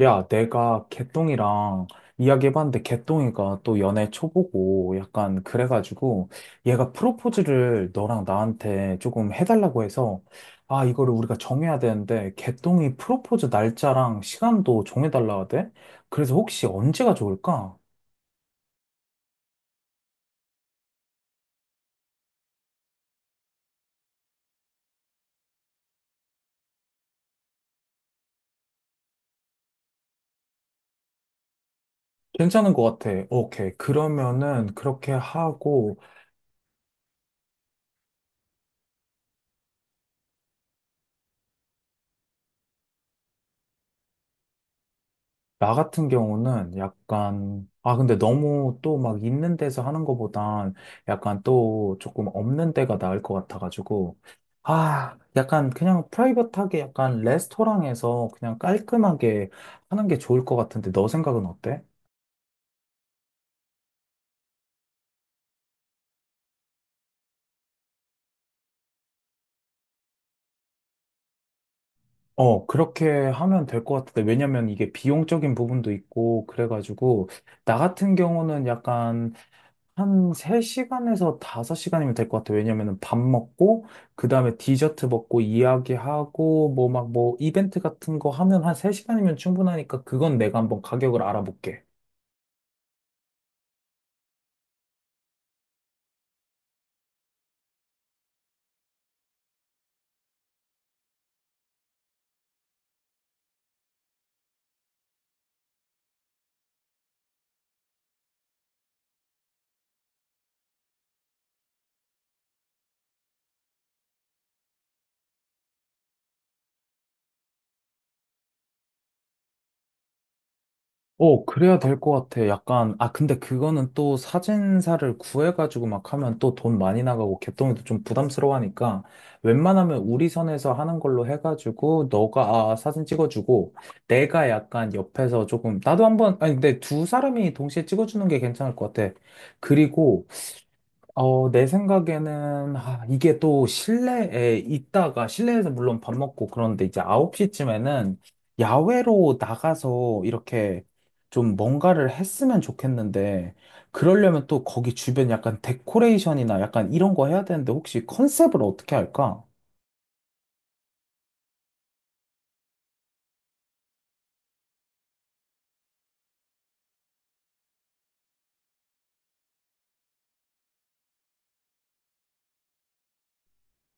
야, 내가 개똥이랑 이야기해봤는데 개똥이가 또 연애 초보고 약간 그래가지고 얘가 프로포즈를 너랑 나한테 조금 해달라고 해서 이거를 우리가 정해야 되는데 개똥이 프로포즈 날짜랑 시간도 정해달라 하대? 그래서 혹시 언제가 좋을까? 괜찮은 것 같아. 오케이. 그러면은 그렇게 하고 나 같은 경우는 약간, 근데 너무 또 막 있는 데서 하는 것보단 약간 또 조금 없는 데가 나을 것 같아가지고, 약간 그냥 프라이빗하게 약간 레스토랑에서 그냥 깔끔하게 하는 게 좋을 것 같은데, 너 생각은 어때? 그렇게 하면 될 것 같은데, 왜냐면 이게 비용적인 부분도 있고, 그래가지고, 나 같은 경우는 약간 한 3시간에서 5시간이면 될 것 같아요. 왜냐면은 밥 먹고, 그 다음에 디저트 먹고, 이야기하고, 뭐 막 뭐 이벤트 같은 거 하면 한 3시간이면 충분하니까 그건 내가 한번 가격을 알아볼게. 그래야 될 것 같아. 약간, 근데 그거는 또 사진사를 구해가지고 막 하면 또 돈 많이 나가고 개똥이도 좀 부담스러워 하니까 웬만하면 우리 선에서 하는 걸로 해가지고 너가 사진 찍어주고 내가 약간 옆에서 조금, 나도 한번, 아니, 근데 두 사람이 동시에 찍어주는 게 괜찮을 것 같아. 그리고 내 생각에는, 이게 또 실내에 있다가, 실내에서 물론 밥 먹고 그런데 이제 9시쯤에는 야외로 나가서 이렇게 좀 뭔가를 했으면 좋겠는데, 그러려면 또 거기 주변 약간 데코레이션이나 약간 이런 거 해야 되는데, 혹시 컨셉을 어떻게 할까?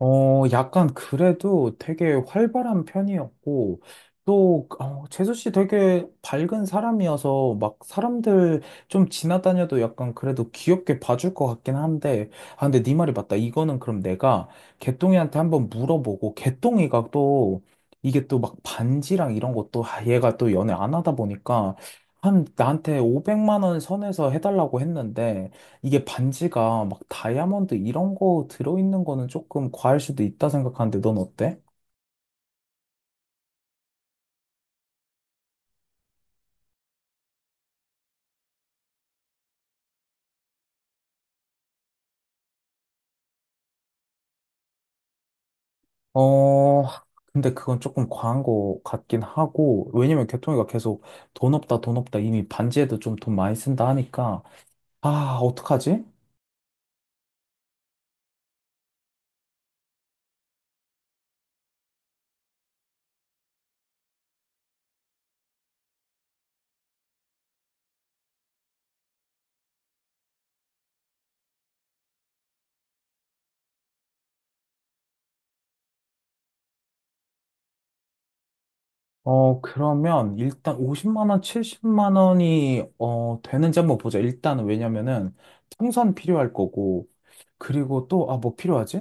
약간 그래도 되게 활발한 편이었고, 또, 재수 씨 되게 밝은 사람이어서 막 사람들 좀 지나다녀도 약간 그래도 귀엽게 봐줄 것 같긴 한데, 근데 네 말이 맞다. 이거는 그럼 내가 개똥이한테 한번 물어보고, 개똥이가 또 이게 또 막 반지랑 이런 것도, 얘가 또 연애 안 하다 보니까 한 나한테 500만 원 선에서 해달라고 했는데, 이게 반지가 막 다이아몬드 이런 거 들어있는 거는 조금 과할 수도 있다 생각하는데 넌 어때? 어, 근데 그건 조금 과한 거 같긴 하고, 왜냐면 개통이가 계속 돈 없다, 돈 없다, 이미 반지에도 좀 돈 많이 쓴다 하니까, 어떡하지? 그러면 일단 50만 원, 70만 원이, 되는지 한번 보자. 일단은 왜냐면은 통선 필요할 거고, 그리고 또, 뭐 필요하지?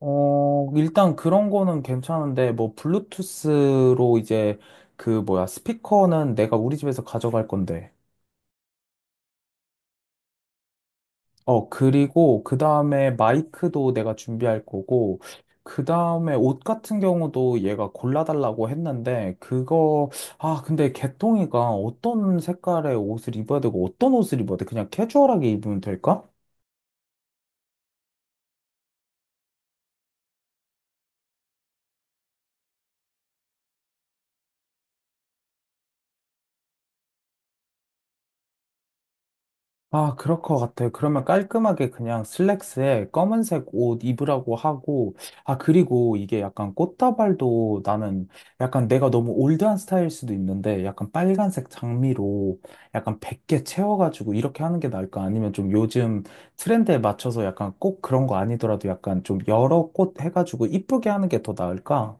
일단 그런 거는 괜찮은데, 뭐, 블루투스로 이제, 그, 뭐야, 스피커는 내가 우리 집에서 가져갈 건데. 그리고, 그 다음에 마이크도 내가 준비할 거고, 그 다음에 옷 같은 경우도 얘가 골라달라고 했는데, 그거, 근데 개똥이가 어떤 색깔의 옷을 입어야 되고, 어떤 옷을 입어야 돼? 그냥 캐주얼하게 입으면 될까? 그럴 것 같아요. 그러면 깔끔하게 그냥 슬랙스에 검은색 옷 입으라고 하고, 그리고 이게 약간 꽃다발도 나는 약간 내가 너무 올드한 스타일 수도 있는데, 약간 빨간색 장미로 약간 100개 채워가지고 이렇게 하는 게 나을까? 아니면 좀 요즘 트렌드에 맞춰서 약간 꼭 그런 거 아니더라도 약간 좀 여러 꽃 해가지고 이쁘게 하는 게 더 나을까?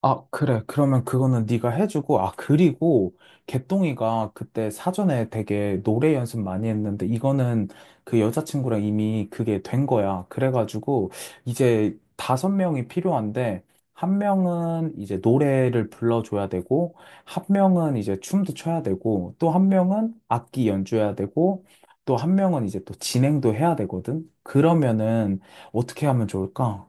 그래. 그러면 그거는 네가 해주고, 그리고 개똥이가 그때 사전에 되게 노래 연습 많이 했는데, 이거는 그 여자친구랑 이미 그게 된 거야. 그래가지고, 이제 다섯 명이 필요한데, 한 명은 이제 노래를 불러줘야 되고, 한 명은 이제 춤도 춰야 되고, 또 한 명은 악기 연주해야 되고, 또 한 명은 이제 또 진행도 해야 되거든? 그러면은 어떻게 하면 좋을까?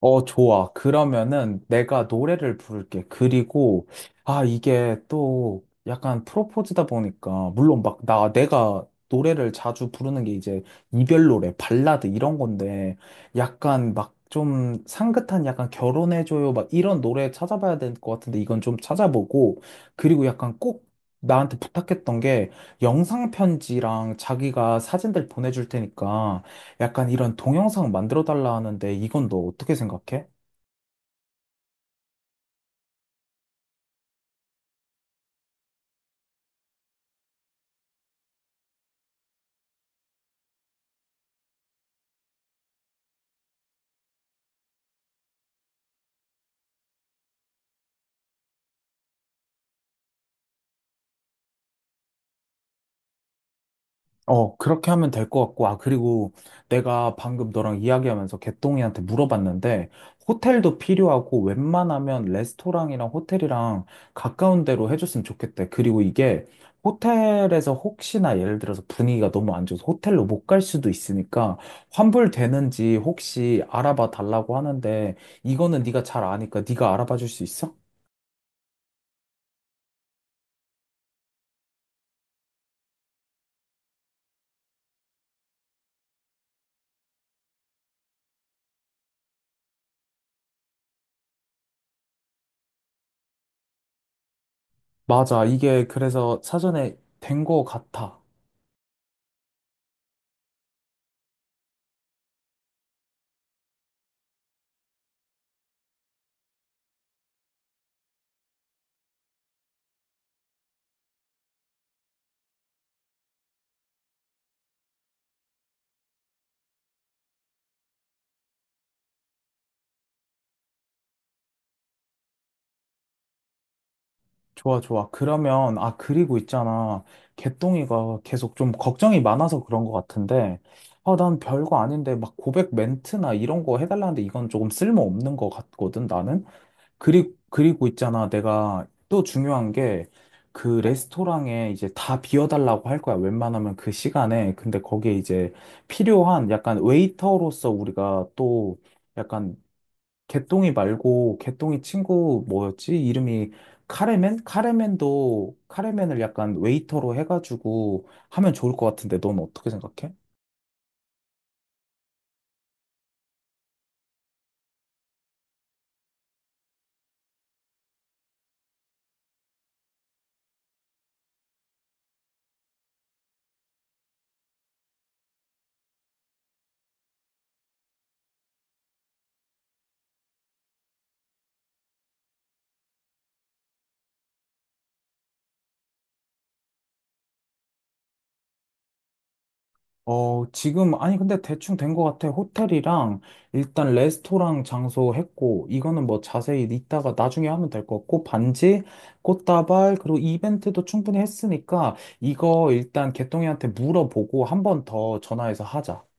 좋아. 그러면은 내가 노래를 부를게. 그리고, 이게 또 약간 프로포즈다 보니까, 물론 막 내가 노래를 자주 부르는 게 이제 이별 노래, 발라드 이런 건데, 약간 막 좀 상긋한 약간 결혼해줘요. 막 이런 노래 찾아봐야 될 것 같은데, 이건 좀 찾아보고, 그리고 약간 꼭 나한테 부탁했던 게 영상 편지랑 자기가 사진들 보내줄 테니까, 약간 이런 동영상 만들어 달라 하는데 이건 너 어떻게 생각해? 그렇게 하면 될 것 같고, 그리고 내가 방금 너랑 이야기하면서 개똥이한테 물어봤는데, 호텔도 필요하고, 웬만하면 레스토랑이랑 호텔이랑 가까운 데로 해줬으면 좋겠대. 그리고 이게 호텔에서 혹시나 예를 들어서 분위기가 너무 안 좋아서 호텔로 못 갈 수도 있으니까, 환불되는지 혹시 알아봐 달라고 하는데, 이거는 네가 잘 아니까 네가 알아봐 줄 수 있어? 맞아. 이게 그래서 사전에 된 거 같아. 좋아, 좋아. 그러면, 그리고 있잖아. 개똥이가 계속 좀 걱정이 많아서 그런 거 같은데, 난 별거 아닌데, 막 고백 멘트나 이런 거 해달라는데 이건 조금 쓸모없는 거 같거든, 나는. 그리고 있잖아. 내가 또 중요한 게, 그 레스토랑에 이제 다 비워달라고 할 거야. 웬만하면 그 시간에. 근데 거기에 이제 필요한 약간 웨이터로서 우리가 또 약간 개똥이 말고 개똥이 친구 뭐였지? 이름이 카레맨? 카레맨도 카레맨을 약간 웨이터로 해가지고 하면 좋을 것 같은데 넌 어떻게 생각해? 지금 아니 근데 대충 된 것 같아. 호텔이랑 일단 레스토랑 장소 했고 이거는 뭐 자세히 이따가 나중에 하면 될 것 같고 반지, 꽃다발 그리고 이벤트도 충분히 했으니까 이거 일단 개똥이한테 물어보고 한 번 더 전화해서 하자.